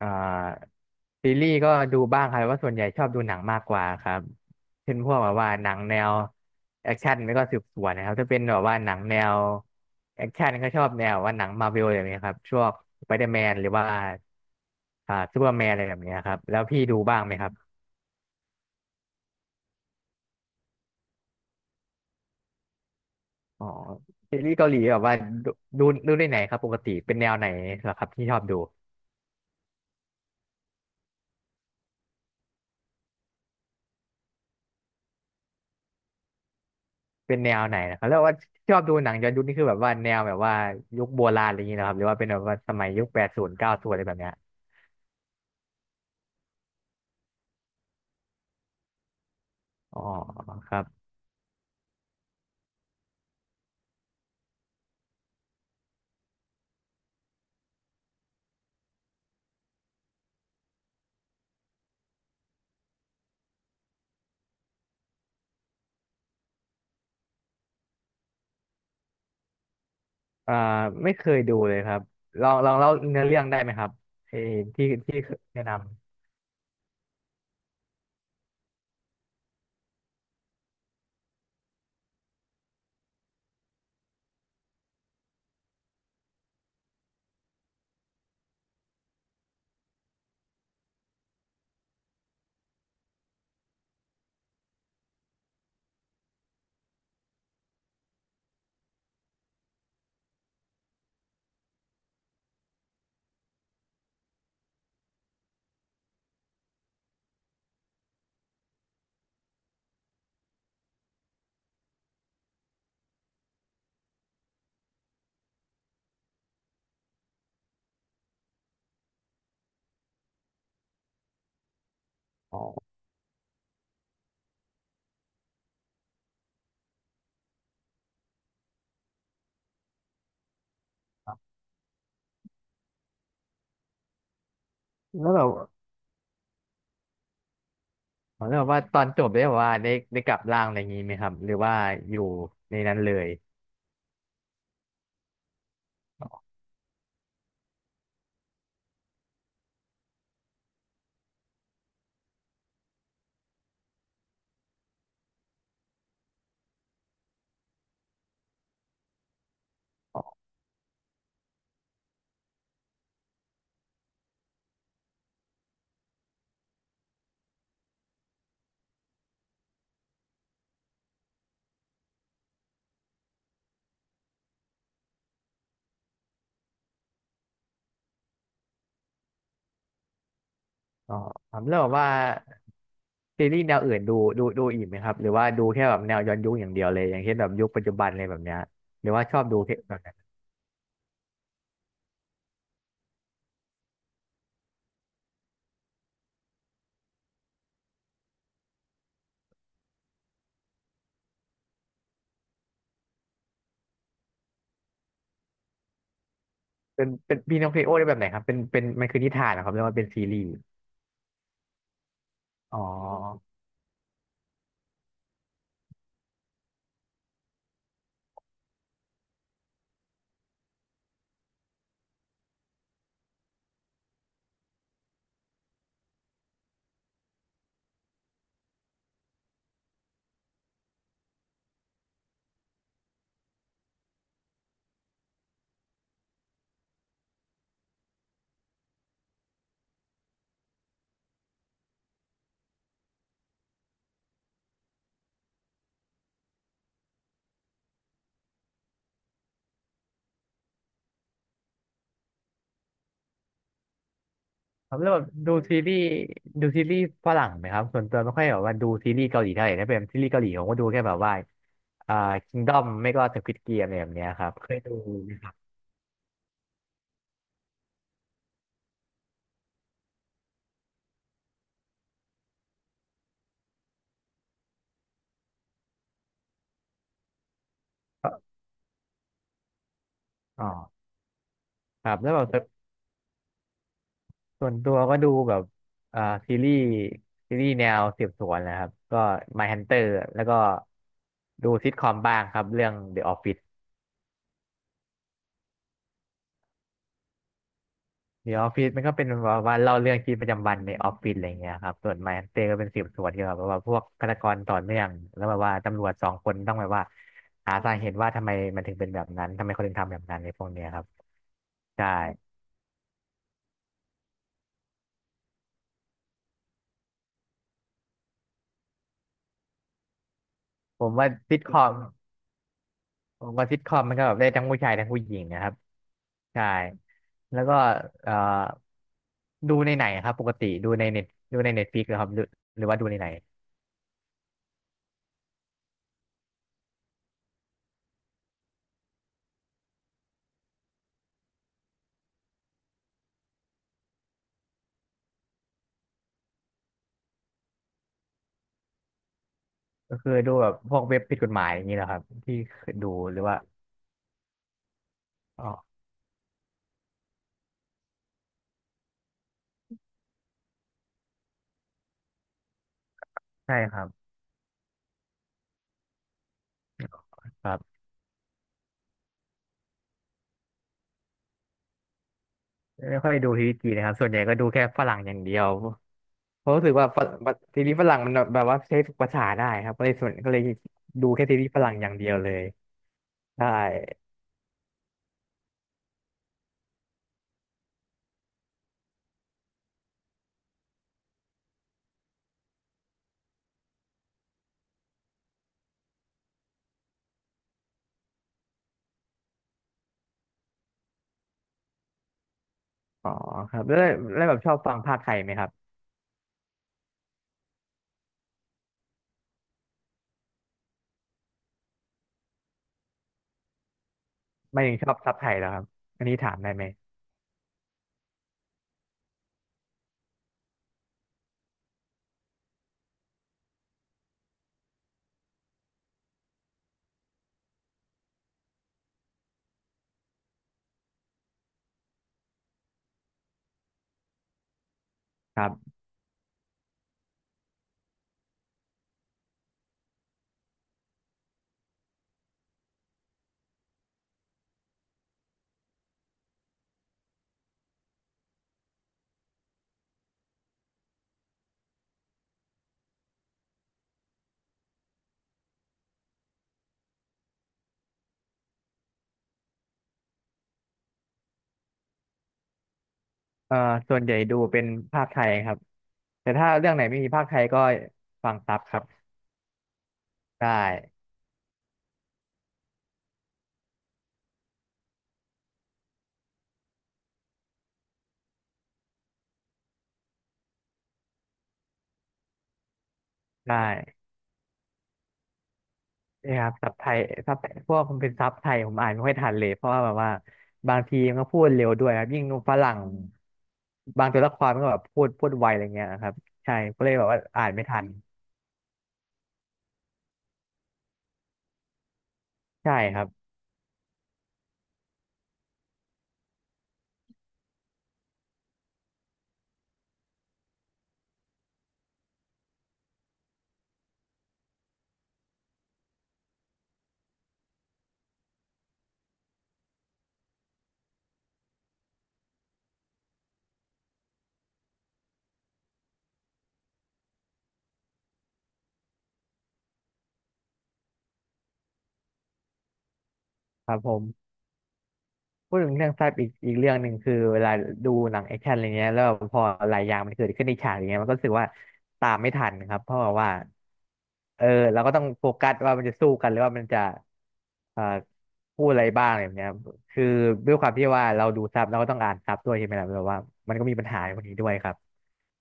อ่าซีรีส์ก็ดูบ้างครับแต่ว่าส่วนใหญ่ชอบดูหนังมากกว่าครับเช่นพวกแบบว่าหนังแนวแอคชั่นแล้วก็สืบสวนนะครับถ้าเป็นแบบว่าหนังแนวแอคชั่นก็ชอบแนวว่าหนังมาร์เวลอย่างเงี้ยครับช่วงสไปเดอร์แมนหรือว่าซูเปอร์แมนอะไรแบบเนี้ยครับแล้วพี่ดูบ้างไหมครับอ๋อซีรีส์เกาหลีแบบว่าดูดูได้ไหนครับปกติเป็นแนวไหนเหรอครับที่ชอบดู เป็นแนวไหนนะครับแล้วว่าชอบดูหนังย้อนยุคนี่คือแบบว่าแนวแบบว่ายุคโบราณอะไรอย่างเงี้ยนะครับหรือว่าเป็นแบบว่าสมัยยุคแปดศูนย์เก้าศูนย์อะไรแบบเนี้ยอ๋อครับอ่าไม่เคยดูเลยครับลองเล่าเนื้อเรื่องได้ไหมครับเออที่แนะนำอ๋อครับแล้วแบบแล้วแบบว่าตอนจบได้แบบว่าได้กลับร่างอะไรอย่างงี้ไหมครับหรือว่าอยู่ในนั้นเลยอ๋ออ๋อครับแล้วแบบว่าซีรีส์แนวอื่นดูอีกไหมครับหรือว่าดูแค่แบบแนวย้อนยุคอย่างเดียวเลยอย่างเช่นแบบยุคปัจจุบันอะไรแบบเนี้ยหรือว่าชอบดูแค่แบบ เป็นพีนองคลิโอได้แบบไหนครับเป็นมันคือนิทานนะครับเรียกว่าเป็นซีรีส์อ๋อครับแล้วแบบดูซีรีส์ฝรั่งไหมครับส่วนตัวไม่ค่อยแบบว่าดูซีรีส์เกาหลีเท่าไหร่ถ้าเป็นซีรีส์เกาหลีผมก็ดูแค่แบบว่าอ่าคิงดอมไม่ก็สควิดเกมอะไรแบบเนี้ยครับเคยดูนะครับอ๋อครับแล้วแบบส่วนตัวก็ดูแบบอ่าซีรีส์ซีรีส์แนวสืบสวนนะครับก็ My Hunter แล้วก็ดูซิทคอมบ้างครับเรื่อง The Office เดี๋ยวออฟฟิศมันก็เป็นแบบว่าเล่าเรื่องชีวิตประจำวันในออฟฟิศอะไรเงี้ยครับส่วนไมฮันเตอร์ก็เป็นสืบสวนเกี่ยวกับแบบว่าพวกฆาตกรต่อเนื่องแล้วแบบว่าตำรวจสองคนต้องแบบว่าหาสาเหตุว่าทำไมมันถึงเป็นแบบนั้นทำไมคนถึงทำแบบนั้นในพวกเนี้ยครับใช่ผมว่าซิทคอมผมว่าซิทคอมมันก็แบบได้ทั้งผู้ชายทั้งผู้หญิงนะครับใช่แล้วก็เอ่อดูในไหนครับปกติดูในเน็ตฟลิกซ์ครับหรือว่าดูในไหนก็คือดูแบบพวกเว็บผิดกฎหมายอย่างนี้เหรอครับที่ดูหรือว่าอ๋อ ใช่ครับครับไม่ค่อยดูทีวีจีนนะครับส่วนใหญ่ก็ดูแค่ฝรั่งอย่างเดียวเพราะรู้สึกว่าฝรั่งทีวีฝรั่งมันแบบว่าใช้ฝึกภาษาได้ครับก็เลยส่วนก็เลยดูแค่ทีวีฝรั่งอย่างเดียวเลยใช่อ๋อครับแล้วแบบชอบฟังภาคไทยไหมครับไม่ถึงชอบซับไทยแล้วครับอันนี้ถามได้ไหมครับเอ่อส่วนใหญ่ดูเป็นภาคไทยครับแต่ถ้าเรื่องไหนไม่มีภาคไทยก็ฟังซับครับได้ได้ นี่ครับซับไทยซับพวกมันเป็นซับไทยผมอ่านไม่ค่อยทันเลยเพราะว่าแบบว่าบางทีมันก็พูดเร็วด้วยครับยิ่งฝรั่งบางตัวละครมันก็แบบพูดไวอะไรเงี้ยครับใช่ก็เลยแบบว่าอ่านไม่ทันใช่ครับครับผม พูดถึงเรื่องแฟบอีกเรื่องหนึ่งคือเวลาดูหนังแอคชั่นอะไรเงี้ยแล้วพอหลายอย่างมันเกิดขึ้นในฉากอย่างเงี้ยมันก็รู้สึกว่าตามไม่ทันครับเพราะว่าเออเราก็ต้องโฟกัสว่ามันจะสู้กันหรือว่ามันจะเอ่อพูดอะไรบ้างอะไรแบบเนี้ยคือด้วยความที่ว่าเราดูซับเราก็ต้องอ่านซับด้วยใช่ไหมล่ะแบบว่ามันก็มีปัญหาพวกนี้ด้วยครับ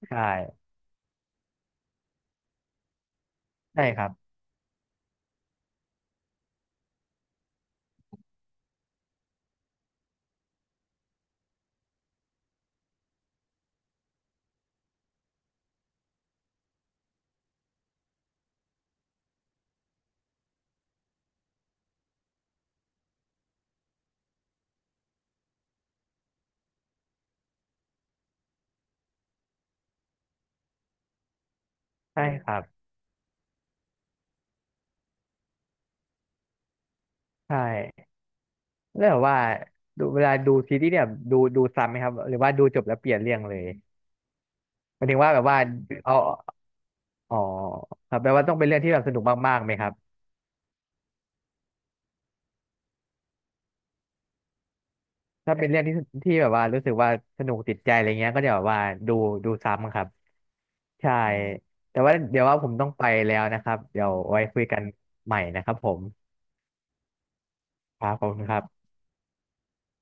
ใช่ใช่ครับใช่ครับใช่แล้วแบบว่าเวลาดูซีรีส์เนี่ยดูซ้ำไหมครับหรือว่าดูจบแล้วเปลี่ยนเรื่องเลยหมายถึงว่าแบบว่าเอา อ๋อครับแปลว่าต้องเป็นเรื่องที่แบบสนุกมากๆไหมครับถ้าเป็นเรื่องที่แบบว่ารู้สึกว่าสนุกติดใจอะไรเงี้ยก็จะแบบว่าดูดูซ้ำครับใช่แต่ว่าเดี๋ยวว่าผมต้องไปแล้วนะครับเดี๋ยวไว้คุยกันใหม่นะครับผมครับขอบคุณครับ